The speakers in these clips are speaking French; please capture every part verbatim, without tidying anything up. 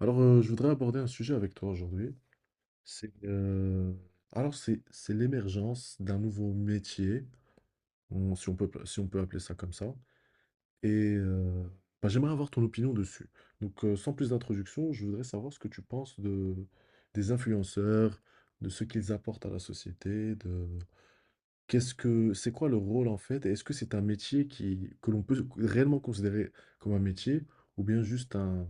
Alors, euh, je voudrais aborder un sujet avec toi aujourd'hui. C'est euh, alors c'est c'est l'émergence d'un nouveau métier, on- si on peut si on peut appeler ça comme ça. Et euh, bah, J'aimerais avoir ton opinion dessus. Donc, euh, sans plus d'introduction, je voudrais savoir ce que tu penses de des influenceurs, de ce qu'ils apportent à la société, de qu'est-ce que c'est quoi le rôle en fait, et est-ce que c'est un métier qui que l'on peut réellement considérer comme un métier ou bien juste un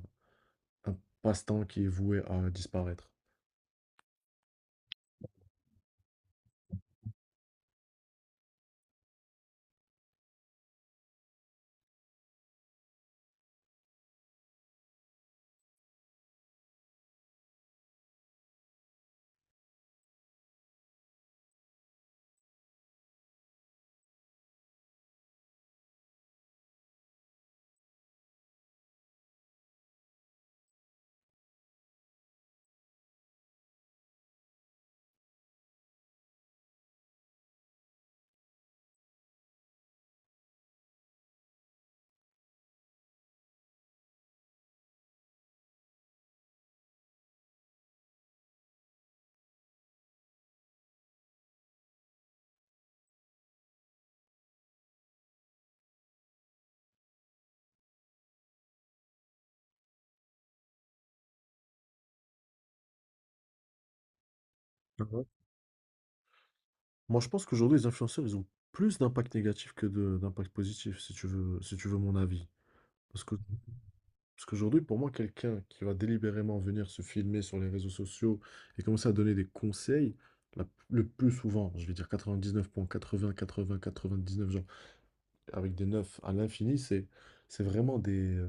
un passe-temps qui est voué à disparaître? Moi, je pense qu'aujourd'hui, les influenceurs, ils ont plus d'impact négatif que de d'impact positif, si tu veux, si tu veux mon avis. Parce que, parce qu'aujourd'hui, pour moi, quelqu'un qui va délibérément venir se filmer sur les réseaux sociaux et commencer à donner des conseils, la- le plus souvent, je vais dire quatre-vingt-dix-neuf virgule quatre-vingts, quatre-vingts, quatre-vingt-dix-neuf, genre, avec des neuf à l'infini, c'est, c'est vraiment des, euh,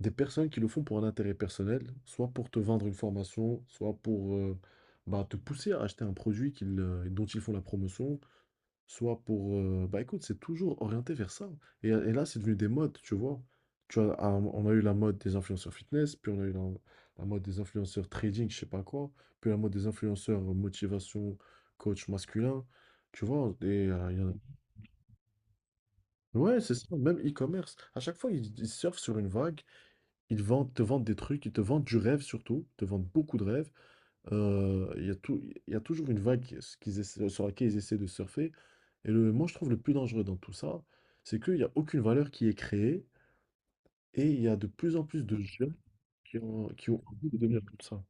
des personnes qui le font pour un intérêt personnel, soit pour te vendre une formation, soit pour euh, bah, te pousser à acheter un produit qu'ils, euh, dont ils font la promotion soit pour... euh, Bah écoute, c'est toujours orienté vers ça, hein. Et, et là, c'est devenu des modes, tu vois. Tu vois, à un- on a eu la mode des influenceurs fitness, puis on a eu la, la mode des influenceurs trading, je sais pas quoi, puis la mode des influenceurs motivation, coach masculin, tu vois. Et, euh, il y en a- Ouais, c'est ça, même e-commerce. À chaque fois, ils, ils surfent sur une vague, ils vendent, te vendent des trucs, ils te vendent du rêve surtout, ils te vendent beaucoup de rêves. Heu, il y a tou il y a toujours une vague s qu'ils essaient sur laquelle ils essaient de surfer et le moi, je trouve le plus dangereux dans tout ça, c'est qu'il y a aucune valeur qui est créée et il y a de plus en plus de jeunes qui ont qui ont envie de devenir comme ça.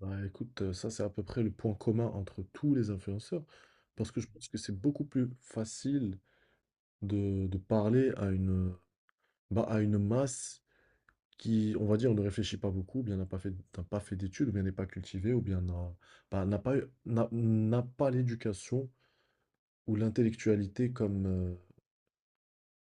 Bah, écoute, heu, ça, c'est à peu près le point commun entre tous les influenceurs parce que je pense que c'est beaucoup plus facile de de parler à une, bah, à une masse qui, on va dire, ne réfléchit pas beaucoup, ou bien n'a pas fait, n'a pas fait d'études, ou bien n'est pas cultivé, ou bien n'a bah, n'a pas, eu- n'a n'a pas l'éducation ou l'intellectualité comme, euh,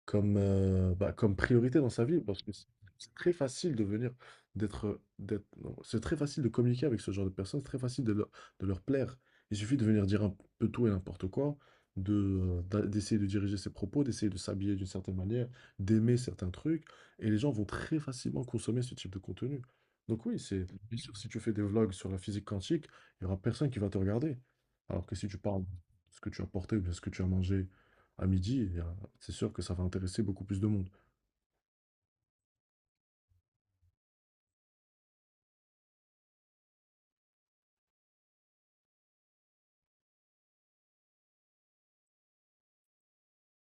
comme, heu, bah, comme priorité dans sa vie parce que c'est c'est très facile de venir d'être, heu, d'être non, c'est très facile de communiquer avec ce genre de personnes, c'est très facile de leur de leur plaire. Il suffit de venir dire un peu tout et n'importe quoi, de, heu, d'a d'essayer de diriger ses propos, d'essayer de s'habiller d'une certaine manière, d'aimer certains trucs et les gens vont très facilement consommer ce type de contenu. Donc oui, c'est Mmh bien sûr, si tu fais des vlogs sur la physique quantique, il y aura personne qui va te regarder. Alors que si tu parles de ce que tu as porté ou bien ce que tu as mangé à midi, c'est sûr que ça va intéresser beaucoup plus de monde.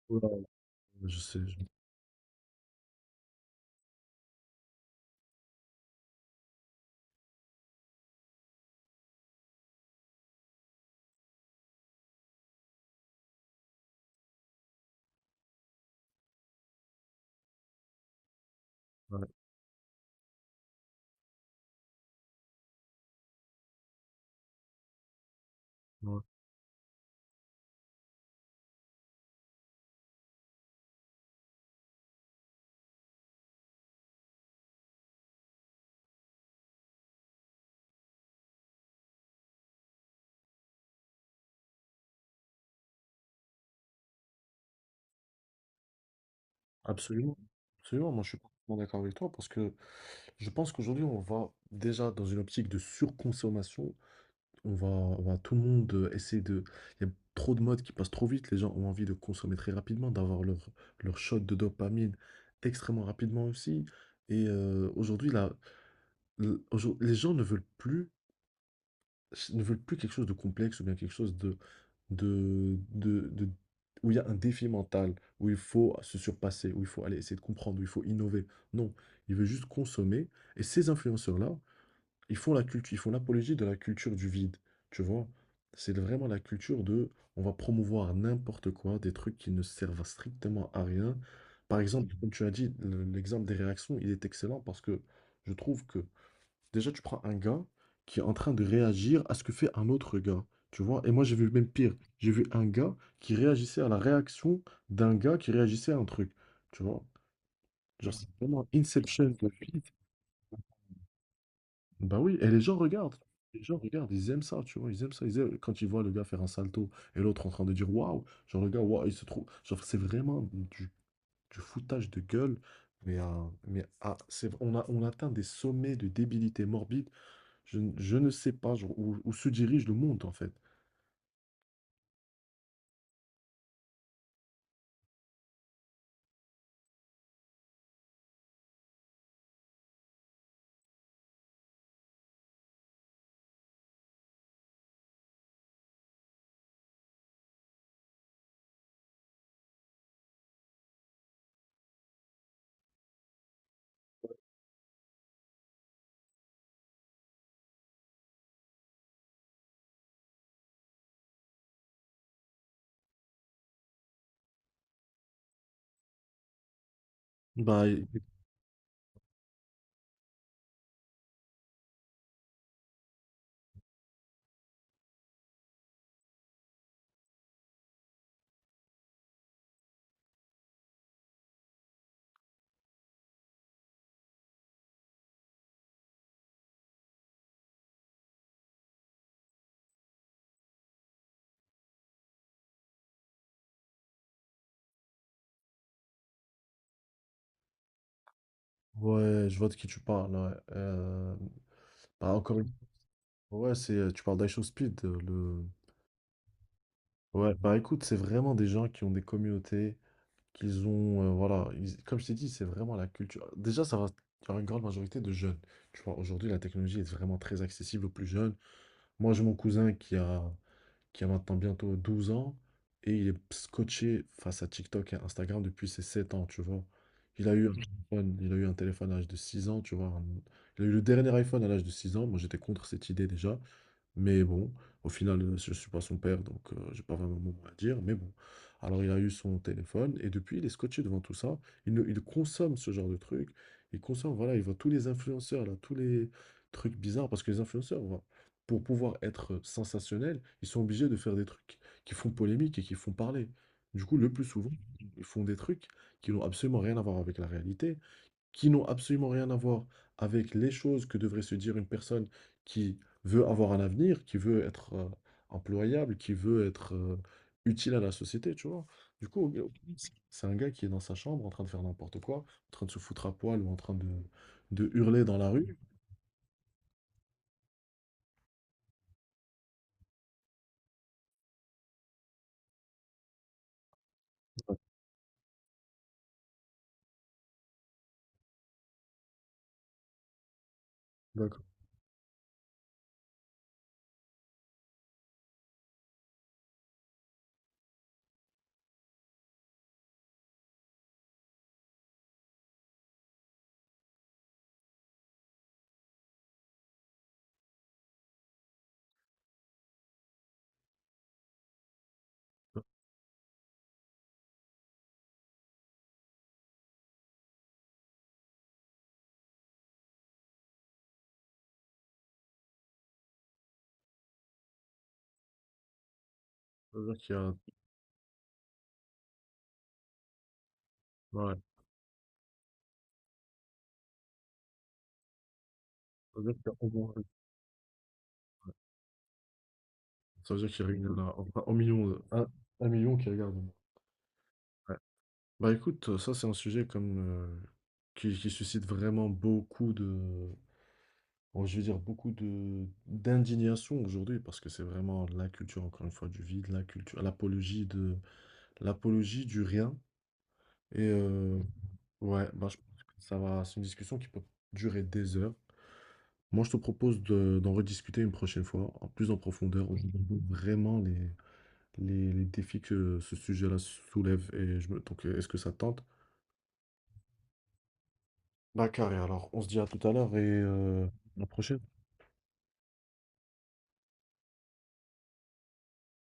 Ouais, je sais, je- ouais, ouais. Absolument. Absolument, moi je suis complètement d'accord avec toi parce que je pense qu'aujourd'hui on va déjà dans une optique de surconsommation. On va, on va tout le monde euh, essayer de. Il y a trop de modes qui passent trop vite. Les gens ont envie de consommer très rapidement, d'avoir leur, leur shot de dopamine extrêmement rapidement aussi. Et euh, aujourd'hui, là, les gens ne veulent plus. Ne veulent plus quelque chose de complexe ou bien quelque chose de, de, de, de- où il y a un défi mental, où il faut se surpasser, où il faut aller essayer de comprendre, où il faut innover. Non, ils veulent juste consommer. Et ces influenceurs-là, ils font la culture, ils font l'apologie de la culture du vide. Tu vois? C'est vraiment la culture de on va promouvoir n'importe quoi, des trucs qui ne servent strictement à rien. Par exemple, comme tu as dit, le- l'exemple des réactions, il est excellent parce que je trouve que déjà, tu prends un gars qui est en train de réagir à ce que fait un autre gars. Tu vois? Et moi, j'ai vu même pire. J'ai vu un gars qui réagissait à la réaction d'un gars qui réagissait à un truc. Tu vois? Genre, c'est vraiment Inception, la suite. Bah oui, et les gens regardent. Les gens regardent, ils aiment ça, tu vois, ils aiment ça. Ils aiment- Quand ils voient le gars faire un salto et l'autre en train de dire waouh, genre le gars, waouh, il se trouve. Genre, c'est vraiment du, du foutage de gueule. Mais, à- mais à- c'est, on a, on atteint des sommets de débilité morbide. Je, n- je ne sais pas genre, où, où se dirige le monde en fait. Bah, et- Ouais, je vois de qui tu parles, ouais. Euh, bah, encore une Ouais, c'est, euh, tu parles d'Aisho Speed. euh, Le... Ouais, bah écoute, c'est vraiment des gens qui ont des communautés, qu'ils ont, euh, voilà, ils- comme je t'ai dit, c'est vraiment la culture. Déjà, ça va, il y aura une grande majorité de jeunes. Tu vois, aujourd'hui, la technologie est vraiment très accessible aux plus jeunes. Moi, j'ai mon cousin qui a qui a maintenant bientôt douze ans, et il est scotché face à TikTok et Instagram depuis ses sept ans, tu vois. Il a eu un Mhm. téléphone, il a eu un téléphone à l'âge de six ans, tu vois. un- Il a eu le dernier iPhone à l'âge de six ans. Moi, j'étais contre cette idée déjà. Mais bon, au final, euh, je ne suis pas son père, donc euh, j'ai pas vraiment mon mot à dire. Mais bon. Alors il a eu son téléphone et depuis, il est scotché devant tout ça. Il, ne- Il consomme ce genre de trucs. Il consomme, voilà, il voit tous les influenceurs, là, tous les trucs bizarres. Parce que les influenceurs, voilà, pour pouvoir être euh, sensationnels, ils sont obligés de faire des trucs qui font polémique et qui font parler. Du coup, le plus souvent, ils font des trucs qui n'ont absolument rien à voir avec la réalité, qui n'ont absolument rien à voir avec les choses que devrait se dire une personne qui veut avoir un avenir, qui veut être euh, employable, qui veut être euh, utile à la société, tu vois. Du coup, euh, c'est un gars qui est dans sa chambre en train de faire n'importe quoi, en train de se foutre à poil ou en train de de hurler dans la rue. D'accord. Ça veut dire qu'il y a... ouais. Ça veut dire qu'il y a au moins- Ça veut dire qu'il y a une- là, enfin, un million, de- un, un million qui regarde. Ouais. Bah écoute, ça c'est un sujet comme euh, qui, qui suscite vraiment beaucoup de, bon, je veux dire beaucoup de d'indignation aujourd'hui parce que c'est vraiment la culture, encore une fois, du vide, la culture, l'apologie de l'apologie du rien. Et euh, ouais, bah, je pense que ça va, c'est une discussion qui peut durer des heures. Moi, je te propose de, d'en rediscuter une prochaine fois, en plus en profondeur, Oui. regarder vraiment les, les, les défis que ce sujet-là soulève. Et je me, donc, est-ce que ça te tente? Bah, carré, alors, on se dit à tout à l'heure et euh, à la prochaine.